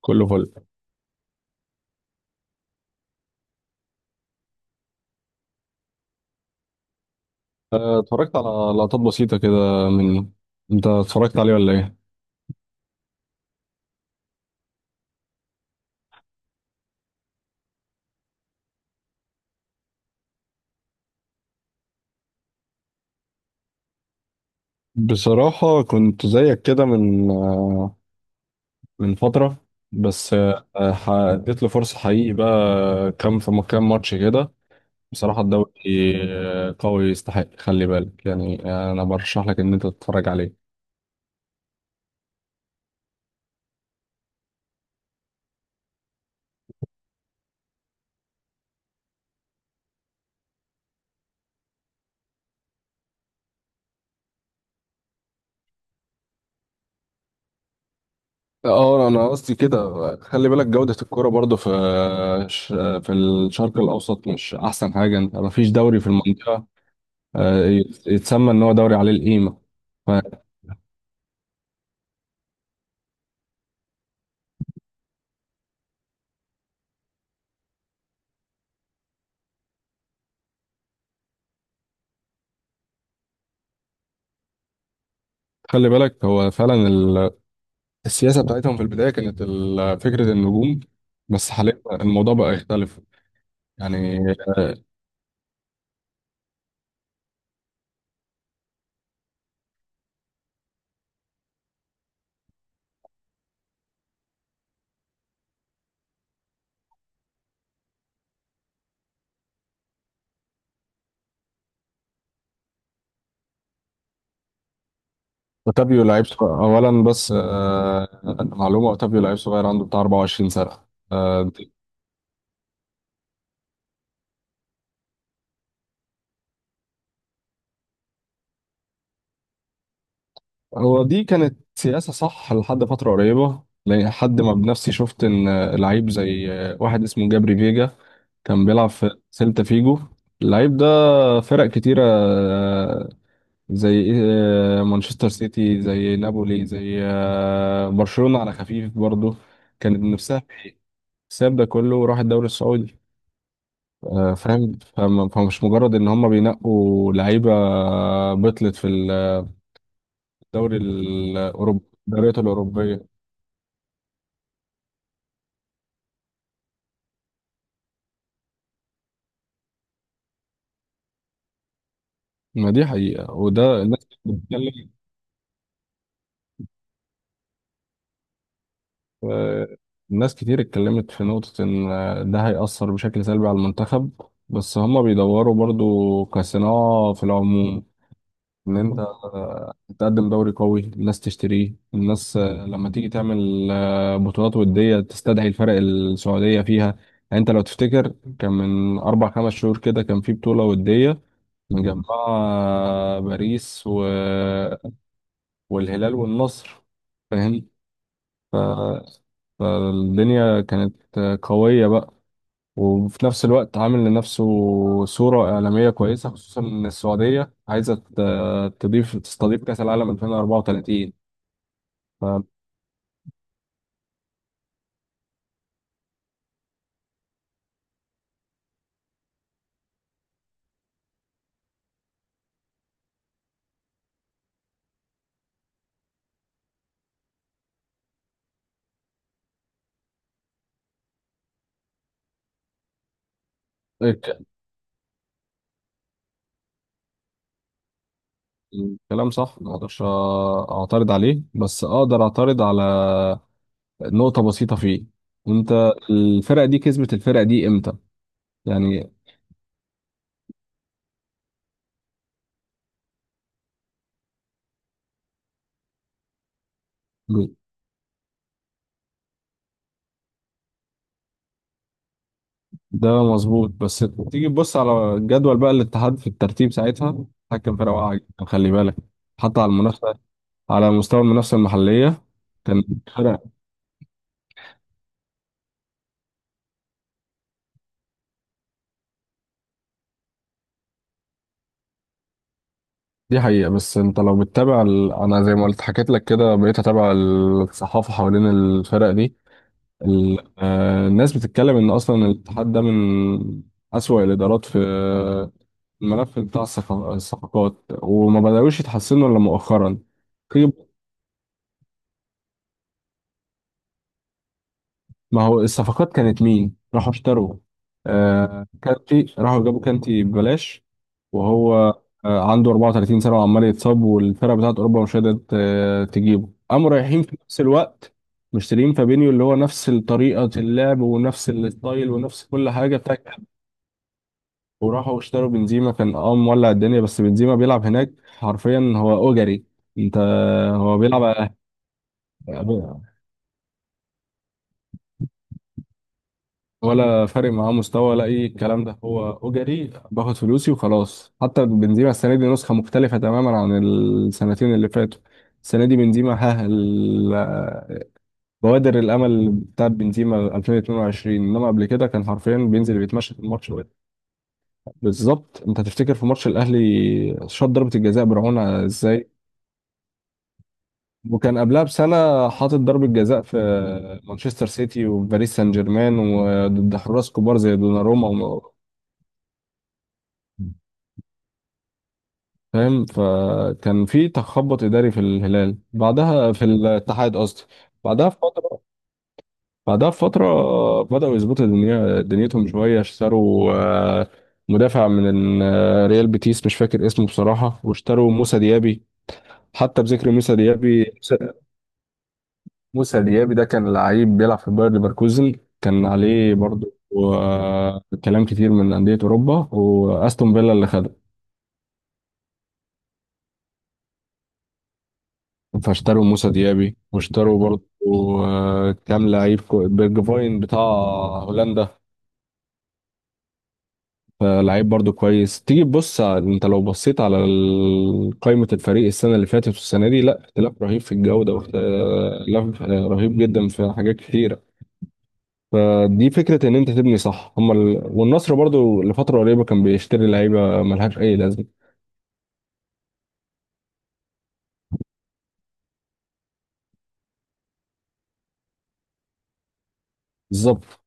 كله فل. اتفرجت على لقطات بسيطة كده من. انت اتفرجت عليه ولا ايه؟ بصراحة كنت زيك كده من فترة. بس اديت له فرصة حقيقي بقى. كام في كام ماتش كده. بصراحة الدوري قوي، يستحق خلي بالك، يعني. انا برشح لك ان انت تتفرج عليه. اه انا قصدي كده، خلي بالك جودة الكرة برضو في الشرق الاوسط مش احسن حاجة. انت مفيش دوري في المنطقة. يتسمى ان هو دوري عليه القيمه. فخلي بالك هو فعلا السياسه بتاعتهم في البدايه كانت فكره النجوم. بس حاليا الموضوع بقى يختلف. يعني آه، اوتافيو لعيب اولا، بس معلومه، اوتافيو لعيب صغير عنده بتاع 24 سنه. آه، هو دي كانت سياسة صح لحد فترة قريبة، لحد ما بنفسي شفت إن لعيب زي واحد اسمه جابري فيجا كان بيلعب في سيلتا فيجو. اللعيب ده فرق كتيرة زي مانشستر سيتي، زي نابولي، زي برشلونة على خفيف برضه كانت نفسها في الحساب ده كله، وراح الدوري السعودي. فاهم. فمش مجرد إن هم بينقوا لعيبة بطلت في الدوري الأوروبي الدوريات الأوروبية. ما دي حقيقة، وده الناس بتتكلم. آه، الناس كتير اتكلمت في نقطة إن ده هيأثر بشكل سلبي على المنتخب، بس هما بيدوروا برضو كصناعة في العموم. إن أنت تقدم دوري قوي، الناس تشتريه، الناس لما تيجي تعمل بطولات ودية تستدعي الفرق السعودية فيها. يعني أنت لو تفتكر، كان من أربع خمس شهور كده كان في بطولة ودية مجمعة باريس والهلال والنصر، فاهم. ف... فالدنيا كانت قوية بقى. وفي نفس الوقت عامل لنفسه صورة إعلامية كويسة، خصوصا إن السعودية عايزة ت- تضيف تستضيف كأس العالم 2034. فالكلام صح، ما أقدرش أعترض عليه، بس أقدر أعترض على نقطة بسيطة فيه. أنت الفرقة دي كسبت الفرقة دي إمتى؟ يعني ده مظبوط. بس تيجي تبص على الجدول، بقى الاتحاد في الترتيب ساعتها حكم فرقة واقعة جدا، خلي بالك، حتى على المنافسة، على مستوى المنافسة المحلية. كان فرق. دي حقيقة، بس انت لو بتتابع انا زي ما قلت حكيت لك كده، بقيت اتابع الصحافة حوالين الفرق دي. ال... آه الناس بتتكلم ان اصلا الاتحاد ده من اسوأ الادارات في الملف بتاع الصفقات، وما بدأوش يتحسنوا الا مؤخرا. ما هو الصفقات كانت مين راحوا اشتروا؟ كانتي راحوا جابوا كانتي ببلاش. وهو عنده 34 سنة وعمال يتصاب، والفرقة بتاعت أوروبا مش قادرة تجيبه، قاموا رايحين في نفس الوقت مشترين فابينيو اللي هو نفس طريقة اللعب ونفس الستايل ونفس كل حاجة بتاعت. وراحوا اشتروا بنزيما، كان مولع الدنيا، بس بنزيما بيلعب هناك حرفيا. هو أجري. انت، هو بيلعب، ولا فارق معاه مستوى ولا اي الكلام ده، هو اجري باخد فلوسي وخلاص. حتى بنزيما السنه دي نسخه مختلفه تماما عن السنتين اللي فاتوا. السنه دي بنزيما بوادر الامل بتاعت بنزيما 2022، انما قبل كده كان حرفيا بينزل بيتمشى في الماتش. بالظبط. انت تفتكر في ماتش الاهلي شاط ضربه الجزاء برعونة ازاي، وكان قبلها بسنة حاطط ضربة جزاء في مانشستر سيتي وباريس سان جيرمان، وضد حراس كبار زي دوناروما. فاهم. فكان في تخبط اداري في الهلال، بعدها في الاتحاد قصدي. بعدها بفتره بعدها بفتره بداوا يظبطوا دنيتهم شويه. اشتروا مدافع من ريال بيتيس مش فاكر اسمه بصراحه، واشتروا موسى ديابي. حتى بذكر موسى ديابي. موسى ديابي ده كان لعيب بيلعب في باير ليفركوزن. كان عليه برضه كلام كتير من انديه اوروبا، واستون فيلا اللي خده. فاشتروا موسى ديابي، واشتروا برضه كام لعيب. بيرجفاين بتاع هولندا، لعيب برضه كويس. تيجي تبص انت لو بصيت على قائمة الفريق السنة اللي فاتت والسنة دي، لا اختلاف رهيب في الجودة، واختلاف رهيب جدا في حاجات كتيرة. فدي فكرة ان انت تبني صح. هم والنصر برضه لفترة قريبة كان بيشتري لعيبة ملهاش اي لازمة. بالظبط.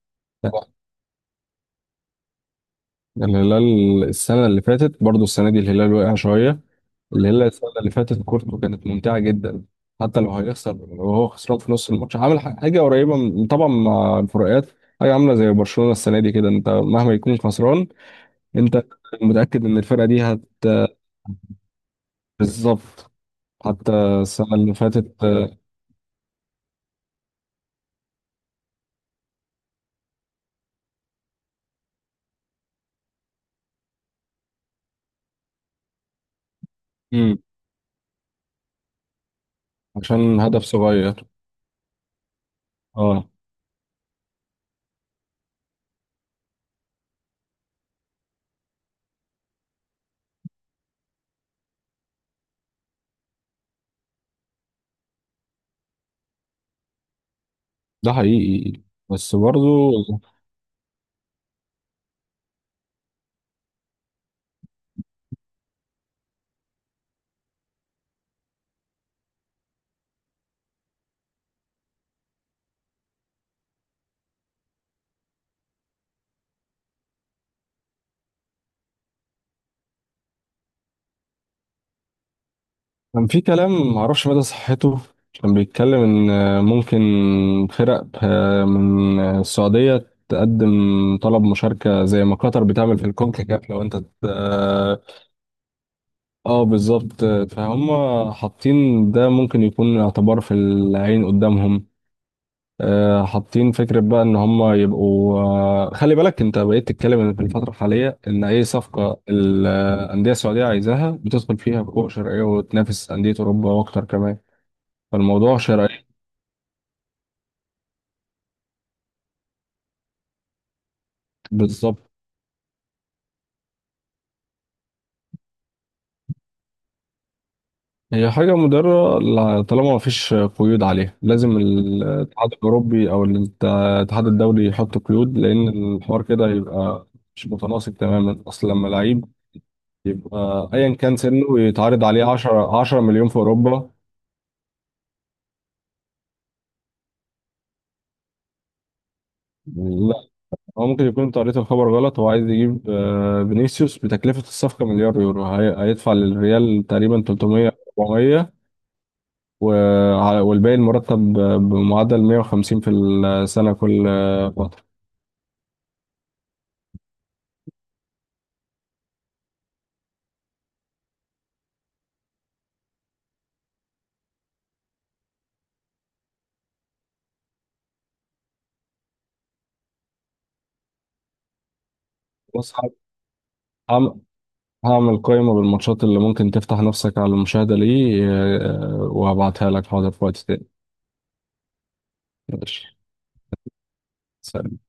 الهلال السنة اللي فاتت برضه السنة دي الهلال وقع شوية. اللي هي السنة اللي فاتت كورتو كانت ممتعة جدا. حتى لو هيخسر، وهو خسران في نص الماتش، عامل حاجة قريبة من، طبعا مع الفروقات، حاجة عاملة زي برشلونة السنة دي كده. انت مهما يكون خسران، انت متأكد ان الفرقة دي بالظبط. حتى السنة اللي فاتت. مم. عشان هدف صغير. اه ده حقيقي، بس برضو كان في كلام معرفش مدى صحته. كان بيتكلم إن ممكن فرق من السعودية تقدم طلب مشاركة زي ما قطر بتعمل في الكونكاكاف، لو أنت بالظبط. فهم حاطين ده ممكن يكون اعتبار في العين قدامهم. حاطين فكرة بقى إن هم يبقوا. خلي بالك، أنت بقيت تتكلم إن في الفترة الحالية إن أي صفقة الأندية السعودية عايزاها بتدخل فيها بقوة شرعية وتنافس أندية أوروبا وأكتر كمان. فالموضوع شرعي. بالظبط. هي حاجة مضرة طالما مفيش قيود عليها، لازم الاتحاد الأوروبي أو الاتحاد الدولي يحط قيود، لأن الحوار كده يبقى مش متناسق تماما. أصل لما لعيب يبقى أيا كان سنه يتعرض عليه 10 10 مليون في أوروبا. لا، هو ممكن يكون أنت قريت الخبر غلط. هو عايز يجيب فينيسيوس بتكلفة الصفقة مليار يورو. هيدفع للريال تقريبا 300 400. والباقي المرتب بمعدل 150 في السنة كل فترة. بص. هعم- هعمل قائمة بالماتشات اللي ممكن تفتح نفسك على المشاهدة ليه. وهبعتها لك حاضر في وقت تاني. ماشي، سلام.